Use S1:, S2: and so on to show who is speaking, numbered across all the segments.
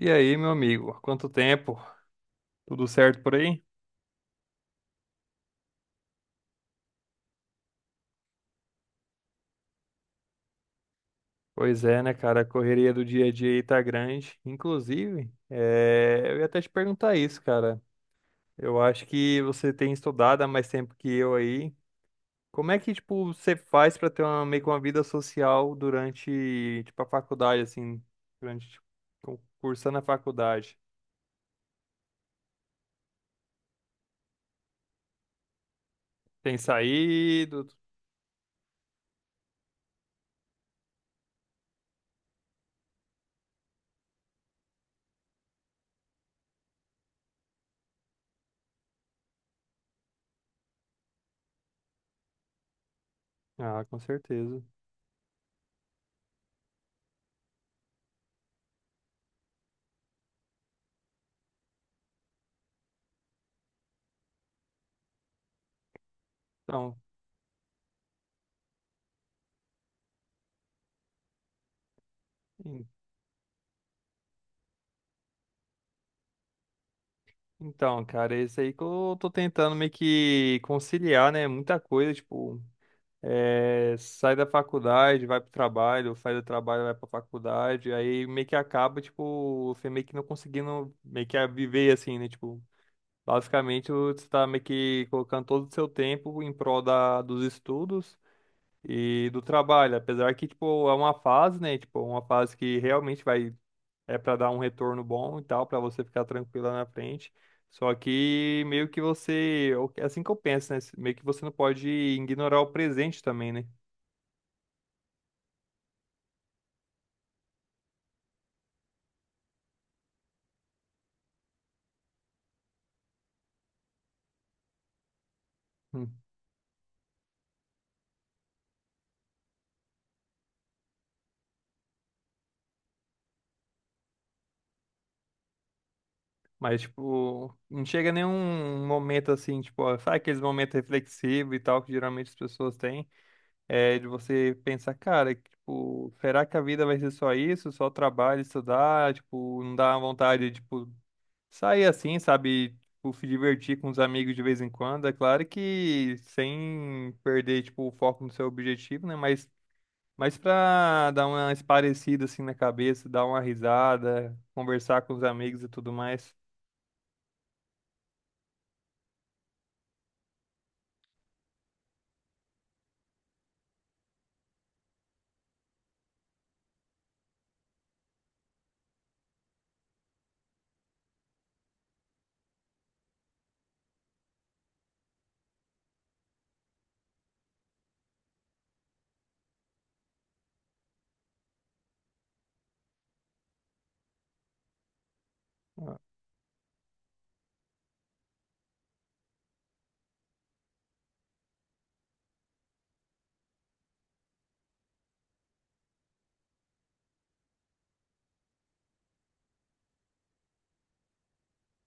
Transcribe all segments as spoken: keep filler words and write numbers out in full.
S1: E aí, meu amigo, há quanto tempo? Tudo certo por aí? Pois é, né, cara? A correria do dia a dia aí tá grande. Inclusive, eh, eu ia até te perguntar isso, cara. Eu acho que você tem estudado há mais tempo que eu aí. Como é que, tipo, você faz pra ter uma, meio que uma vida social durante, tipo, a faculdade, assim, durante, tipo, cu- cursando a faculdade? Tem saído? Ah, com certeza. Então. Então, cara, é isso aí que eu tô tentando meio que conciliar, né? Muita coisa, tipo, é, sai da faculdade, vai pro trabalho, sai do trabalho, vai pra faculdade, aí meio que acaba, tipo, você meio que não conseguindo meio que viver assim, né? Tipo, basicamente você tá meio que colocando todo o seu tempo em prol da, dos estudos e do trabalho, apesar que, tipo, é uma fase, né? Tipo, é uma fase que realmente vai é para dar um retorno bom e tal, para você ficar tranquila na frente. Só que meio que você, é assim que eu penso, né? Meio que você não pode ignorar o presente também, né? Hum. Mas, tipo, não chega nenhum momento assim, tipo, ó, sabe aqueles momentos reflexivos e tal que geralmente as pessoas têm, é de você pensar, cara, que, tipo, será que a vida vai ser só isso? Só trabalho, estudar, tipo, não dá vontade, tipo, sair assim, sabe? Tipo, se divertir com os amigos de vez em quando. É claro que sem perder, tipo, o foco no seu objetivo, né? Mas, mas pra dar uma esparecida assim na cabeça, dar uma risada, conversar com os amigos e tudo mais.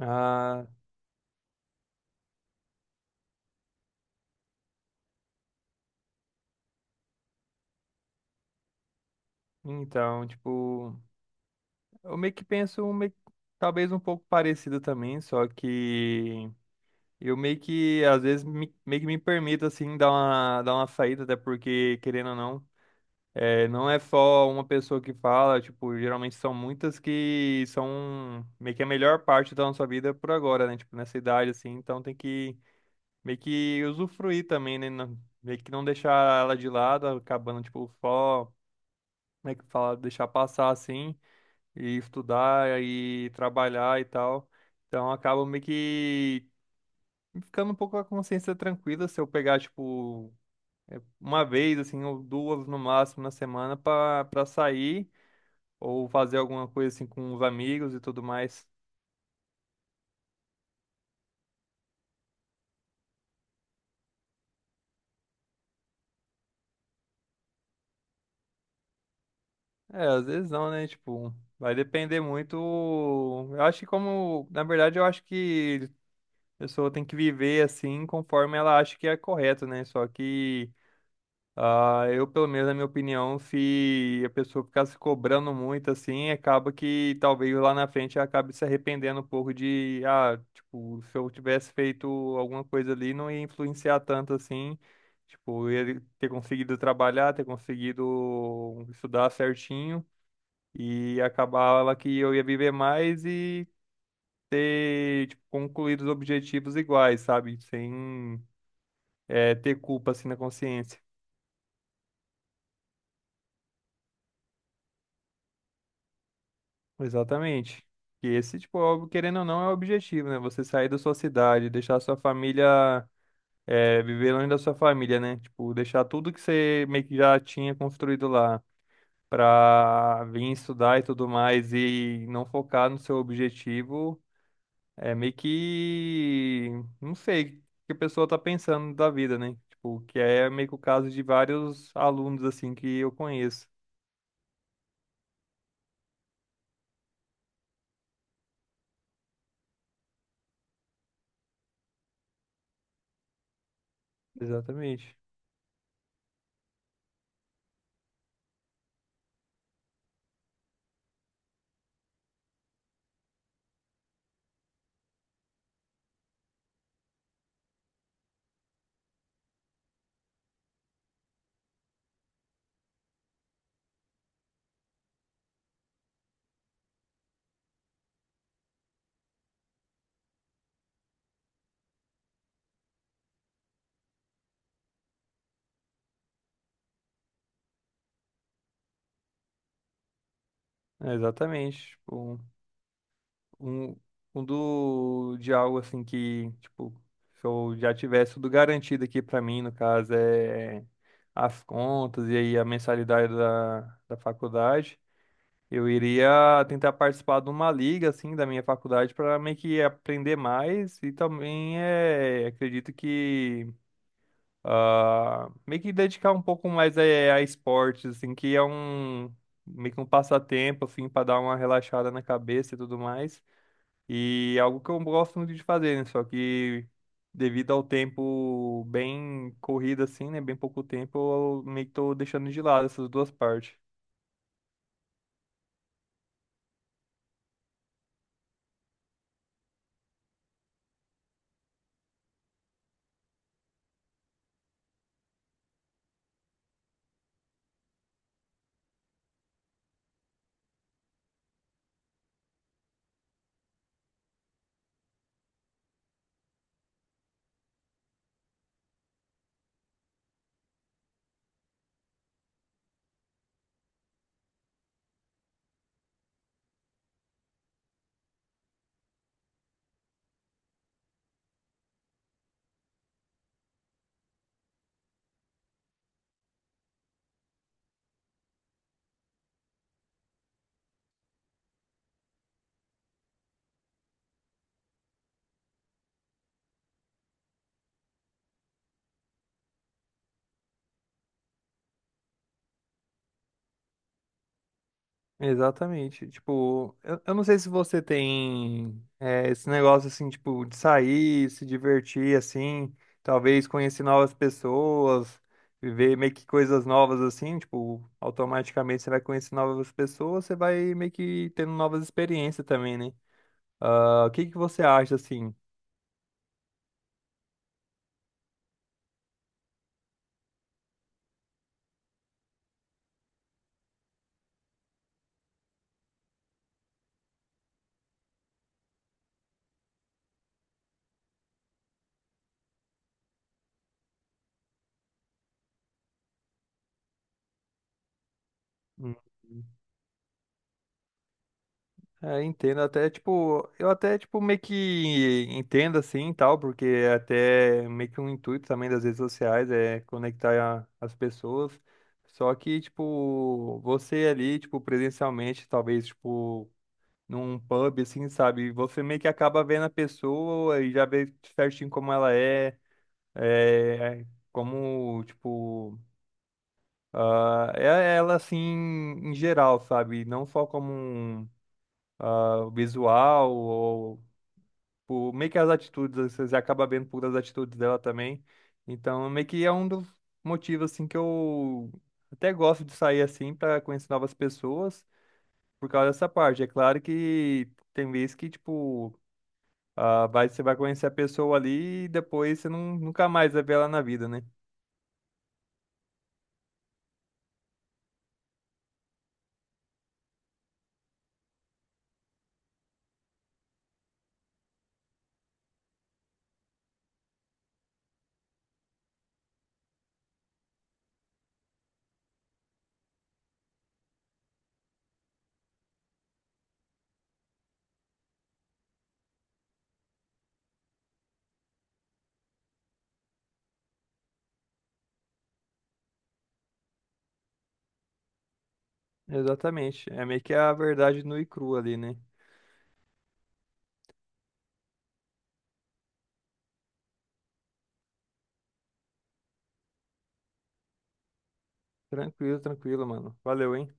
S1: Ah, então, tipo, eu meio que penso um meio- talvez um pouco parecido também, só que eu meio que às vezes me- meio que me permito assim dar uma dar uma saída, até porque querendo ou não. É, não é só uma pessoa que fala, tipo, geralmente são muitas que são meio que a melhor parte da nossa vida por agora, né? Tipo, nessa idade, assim, então tem que meio que usufruir também, né? Não, meio que não deixar ela de lado, acabando, tipo, só, como é que fala, deixar passar, assim, e estudar, e trabalhar e tal. Então acaba meio que ficando um pouco com a consciência tranquila se eu pegar, tipo, uma vez, assim, ou duas no máximo na semana pra, pra sair. Ou fazer alguma coisa assim com os amigos e tudo mais. É, às vezes não, né? Tipo, vai depender muito. Eu acho que como, na verdade, eu acho que a pessoa tem que viver assim conforme ela acha que é correto, né? Só que ah, eu, pelo menos, na minha opinião, se a pessoa ficar se cobrando muito assim, acaba que talvez lá na frente ela acabe se arrependendo um pouco de, ah, tipo, se eu tivesse feito alguma coisa ali, não ia influenciar tanto assim. Tipo, eu ia ter conseguido trabalhar, ter conseguido estudar certinho e acabava que eu ia viver mais e ter, tipo, concluído os objetivos iguais, sabe? Sem, eh, ter culpa assim na consciência. Exatamente. E esse, tipo, óbvio, querendo ou não, é o objetivo, né? Você sair da sua cidade, deixar a sua família, é, viver longe da sua família, né? Tipo, deixar tudo que você meio que já tinha construído lá pra vir estudar e tudo mais e não focar no seu objetivo, é meio que, não sei, o que a pessoa tá pensando da vida, né? Tipo, que é meio que o caso de vários alunos, assim, que eu conheço. Exatamente. É, exatamente. Tipo, Um, um do de algo assim que, tipo, se eu já tivesse tudo garantido aqui pra mim, no caso, é as contas e aí a mensalidade da, da faculdade, eu iria tentar participar de uma liga, assim, da minha faculdade para meio que aprender mais e também é, acredito que ah, meio que dedicar um pouco mais é, a esportes, assim, que é um meio que um passatempo, assim, para dar uma relaxada na cabeça e tudo mais. E é algo que eu gosto muito de fazer, né? Só que devido ao tempo bem corrido assim, né? Bem pouco tempo, eu meio que tô deixando de lado essas duas partes. Exatamente. Tipo, eu, eu não sei se você tem é, esse negócio assim, tipo, de sair, se divertir assim, talvez conhecer novas pessoas, viver meio que coisas novas assim, tipo, automaticamente você vai conhecer novas pessoas, você vai meio que tendo novas experiências também, né? Ah, o que que você acha assim? Hum. É, entendo até, tipo, eu até, tipo, meio que entendo assim e tal, porque é até meio que um intuito também das redes sociais é conectar a- as pessoas. Só que, tipo, você ali, tipo, presencialmente, talvez, tipo, num pub, assim, sabe? Você meio que acaba vendo a pessoa e já vê certinho como ela é, é, como, tipo, ah, é ela assim em geral, sabe? Não só como um, ah, o visual, ou por, meio que as atitudes, você acaba vendo por das atitudes dela também. Então, meio que é um dos motivos, assim, que eu até gosto de sair, assim, para conhecer novas pessoas, por causa dessa parte. É claro que tem vezes que, tipo, ah, vai, você vai conhecer a pessoa ali e depois você não, nunca mais vai ver ela na vida, né? Exatamente. É meio que a verdade nua e crua ali, né? Tranquilo, tranquilo, mano. Valeu, hein?